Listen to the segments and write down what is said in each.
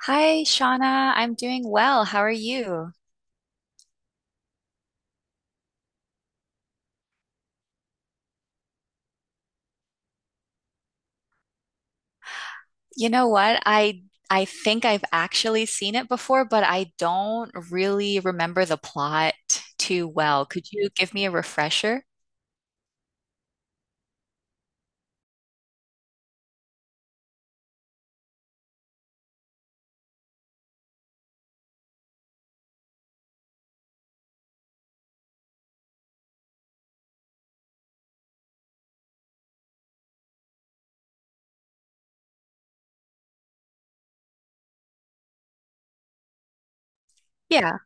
Hi, Shauna. I'm doing well. How are you? You know what? I think I've actually seen it before, but I don't really remember the plot too well. Could you give me a refresher? Yeah.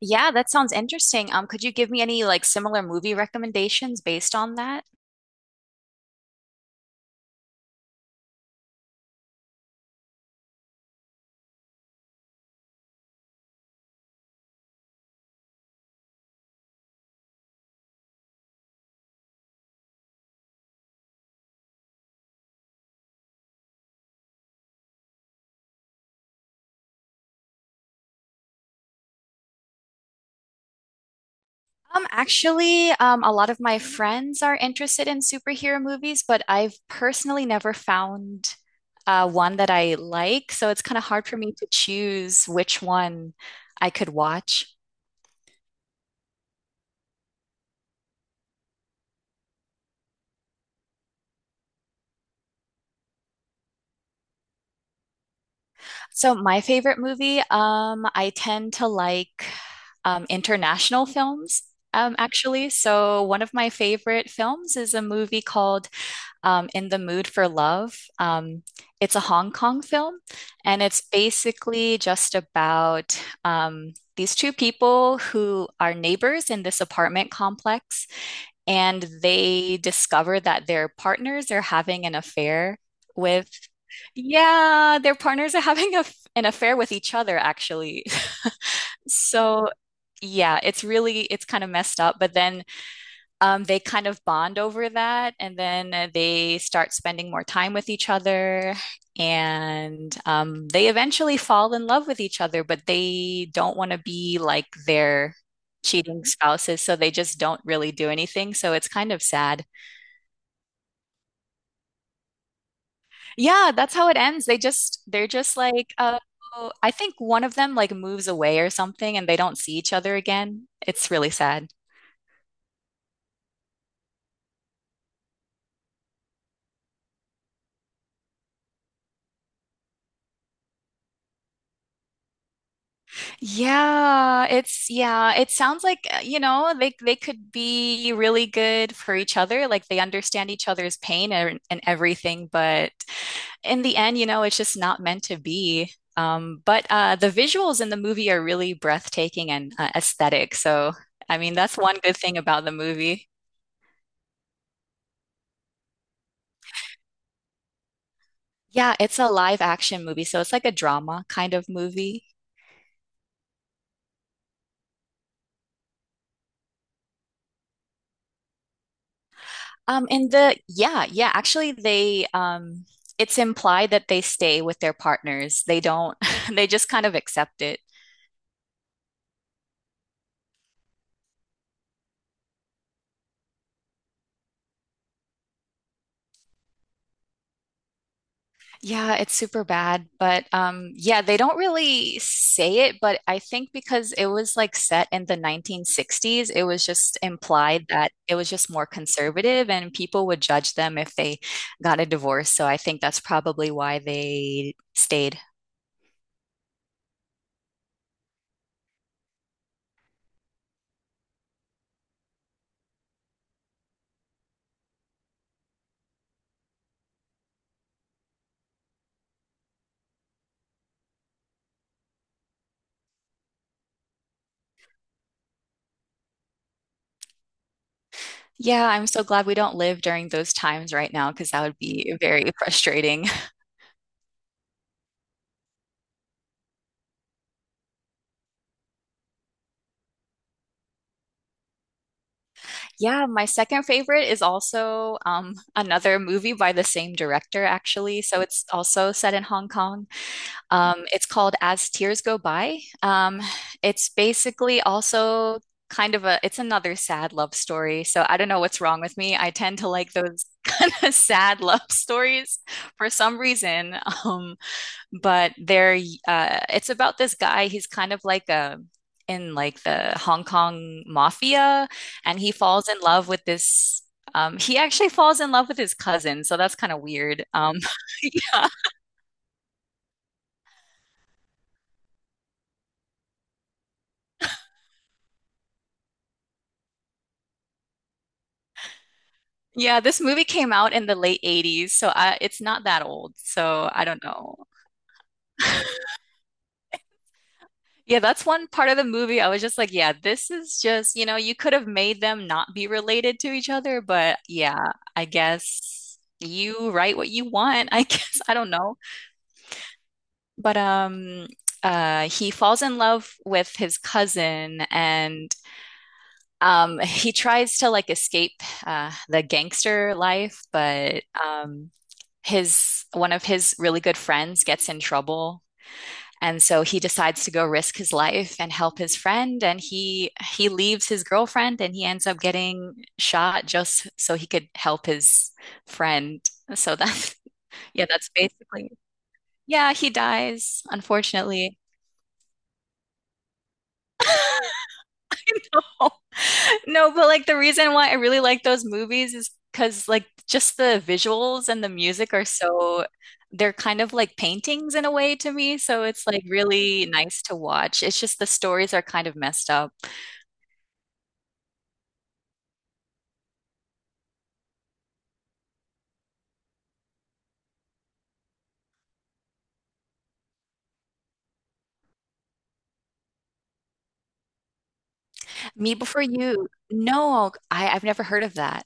Yeah, that sounds interesting. Could you give me any like similar movie recommendations based on that? Actually, a lot of my friends are interested in superhero movies, but I've personally never found one that I like. So it's kind of hard for me to choose which one I could watch. So my favorite movie, I tend to like international films, actually. So one of my favorite films is a movie called In the Mood for Love. It's a Hong Kong film, and it's basically just about these two people who are neighbors in this apartment complex, and they discover that their partners are having an affair with, yeah, their partners are having an affair with each other, actually. So, yeah, it's really, it's kind of messed up, but then they kind of bond over that and then they start spending more time with each other and they eventually fall in love with each other, but they don't want to be like their cheating spouses, so they just don't really do anything. So it's kind of sad. Yeah, that's how it ends. They're just like I think one of them like moves away or something and they don't see each other again. It's really sad. Yeah, it's yeah, it sounds like you know, they could be really good for each other. Like they understand each other's pain and everything, but in the end, you know, it's just not meant to be. But the visuals in the movie are really breathtaking and aesthetic. So, I mean, that's one good thing about the movie. Yeah, it's a live action movie, so it's like a drama kind of movie. In the yeah, yeah, actually they it's implied that they stay with their partners. They don't they just kind of accept it. Yeah, it's super bad, but yeah, they don't really say it, but I think because it was like set in the 1960s, it was just implied that it was just more conservative and people would judge them if they got a divorce. So I think that's probably why they stayed. Yeah, I'm so glad we don't live during those times right now because that would be very frustrating. Yeah, my second favorite is also another movie by the same director, actually. So it's also set in Hong Kong. It's called As Tears Go By. It's basically also kind of it's another sad love story. So I don't know what's wrong with me. I tend to like those kind of sad love stories for some reason. Um, but they're It's about this guy. He's kind of like a in like the Hong Kong mafia, and he falls in love with this. He actually falls in love with his cousin, so that's kind of weird. Yeah, Yeah. This movie came out in the late '80s, so I, it's not that old. So I don't know. Yeah, that's one part of the movie. I was just like, yeah, this is just, you know, you could have made them not be related to each other, but yeah, I guess you write what you want. I guess I don't know. But he falls in love with his cousin and he tries to like escape the gangster life, but his one of his really good friends gets in trouble and so he decides to go risk his life and help his friend and he leaves his girlfriend and he ends up getting shot just so he could help his friend so that's yeah that's basically yeah he dies unfortunately no but like the reason why I really like those movies is because like just the visuals and the music are so they're kind of like paintings in a way to me so it's like really nice to watch it's just the stories are kind of messed up. Me Before You. No, I've never heard of that.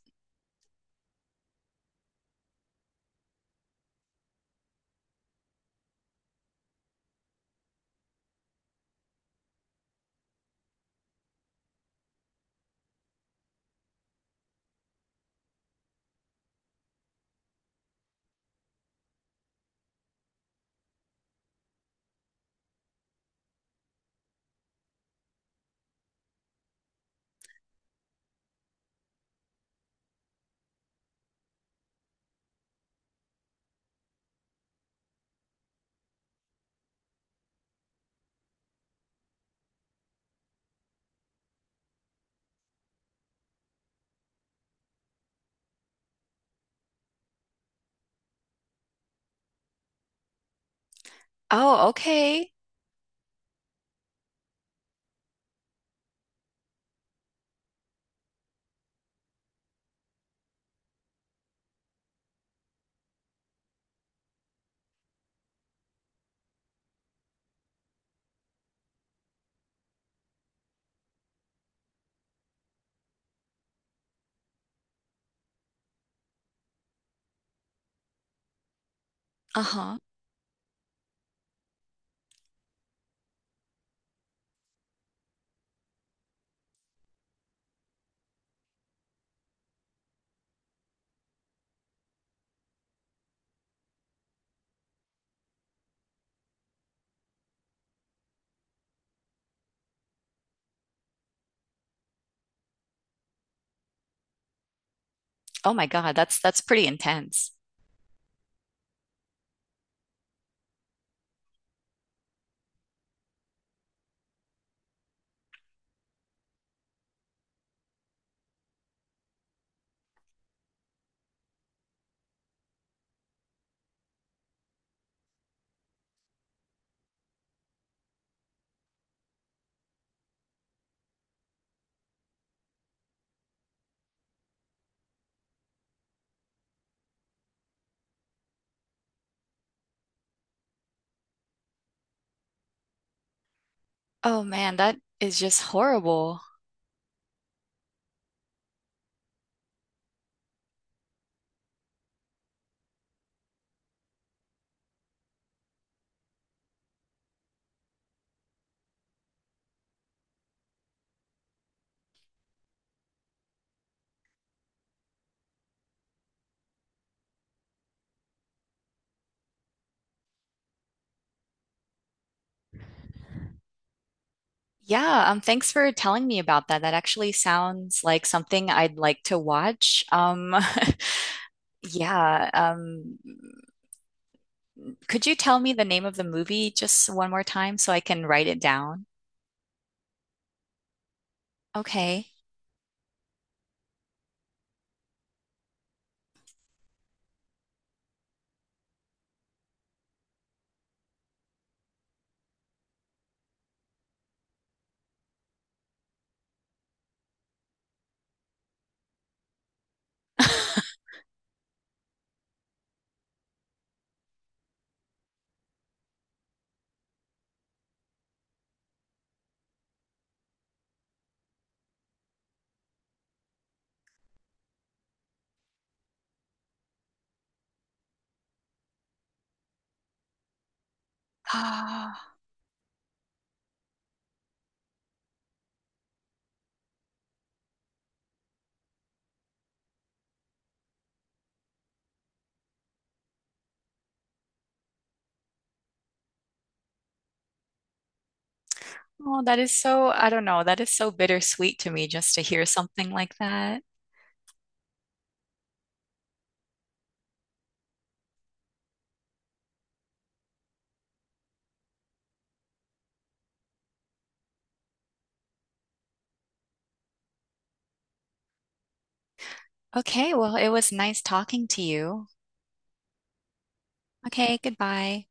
Oh, okay. Uh-huh. Oh my God, that's pretty intense. Oh man, that is just horrible. Yeah, thanks for telling me about that. That actually sounds like something I'd like to watch. Yeah, Could you tell me the name of the movie just one more time so I can write it down? Okay. Ah, oh, that is so, I don't know, that is so bittersweet to me just to hear something like that. Okay, well, it was nice talking to you. Okay, goodbye.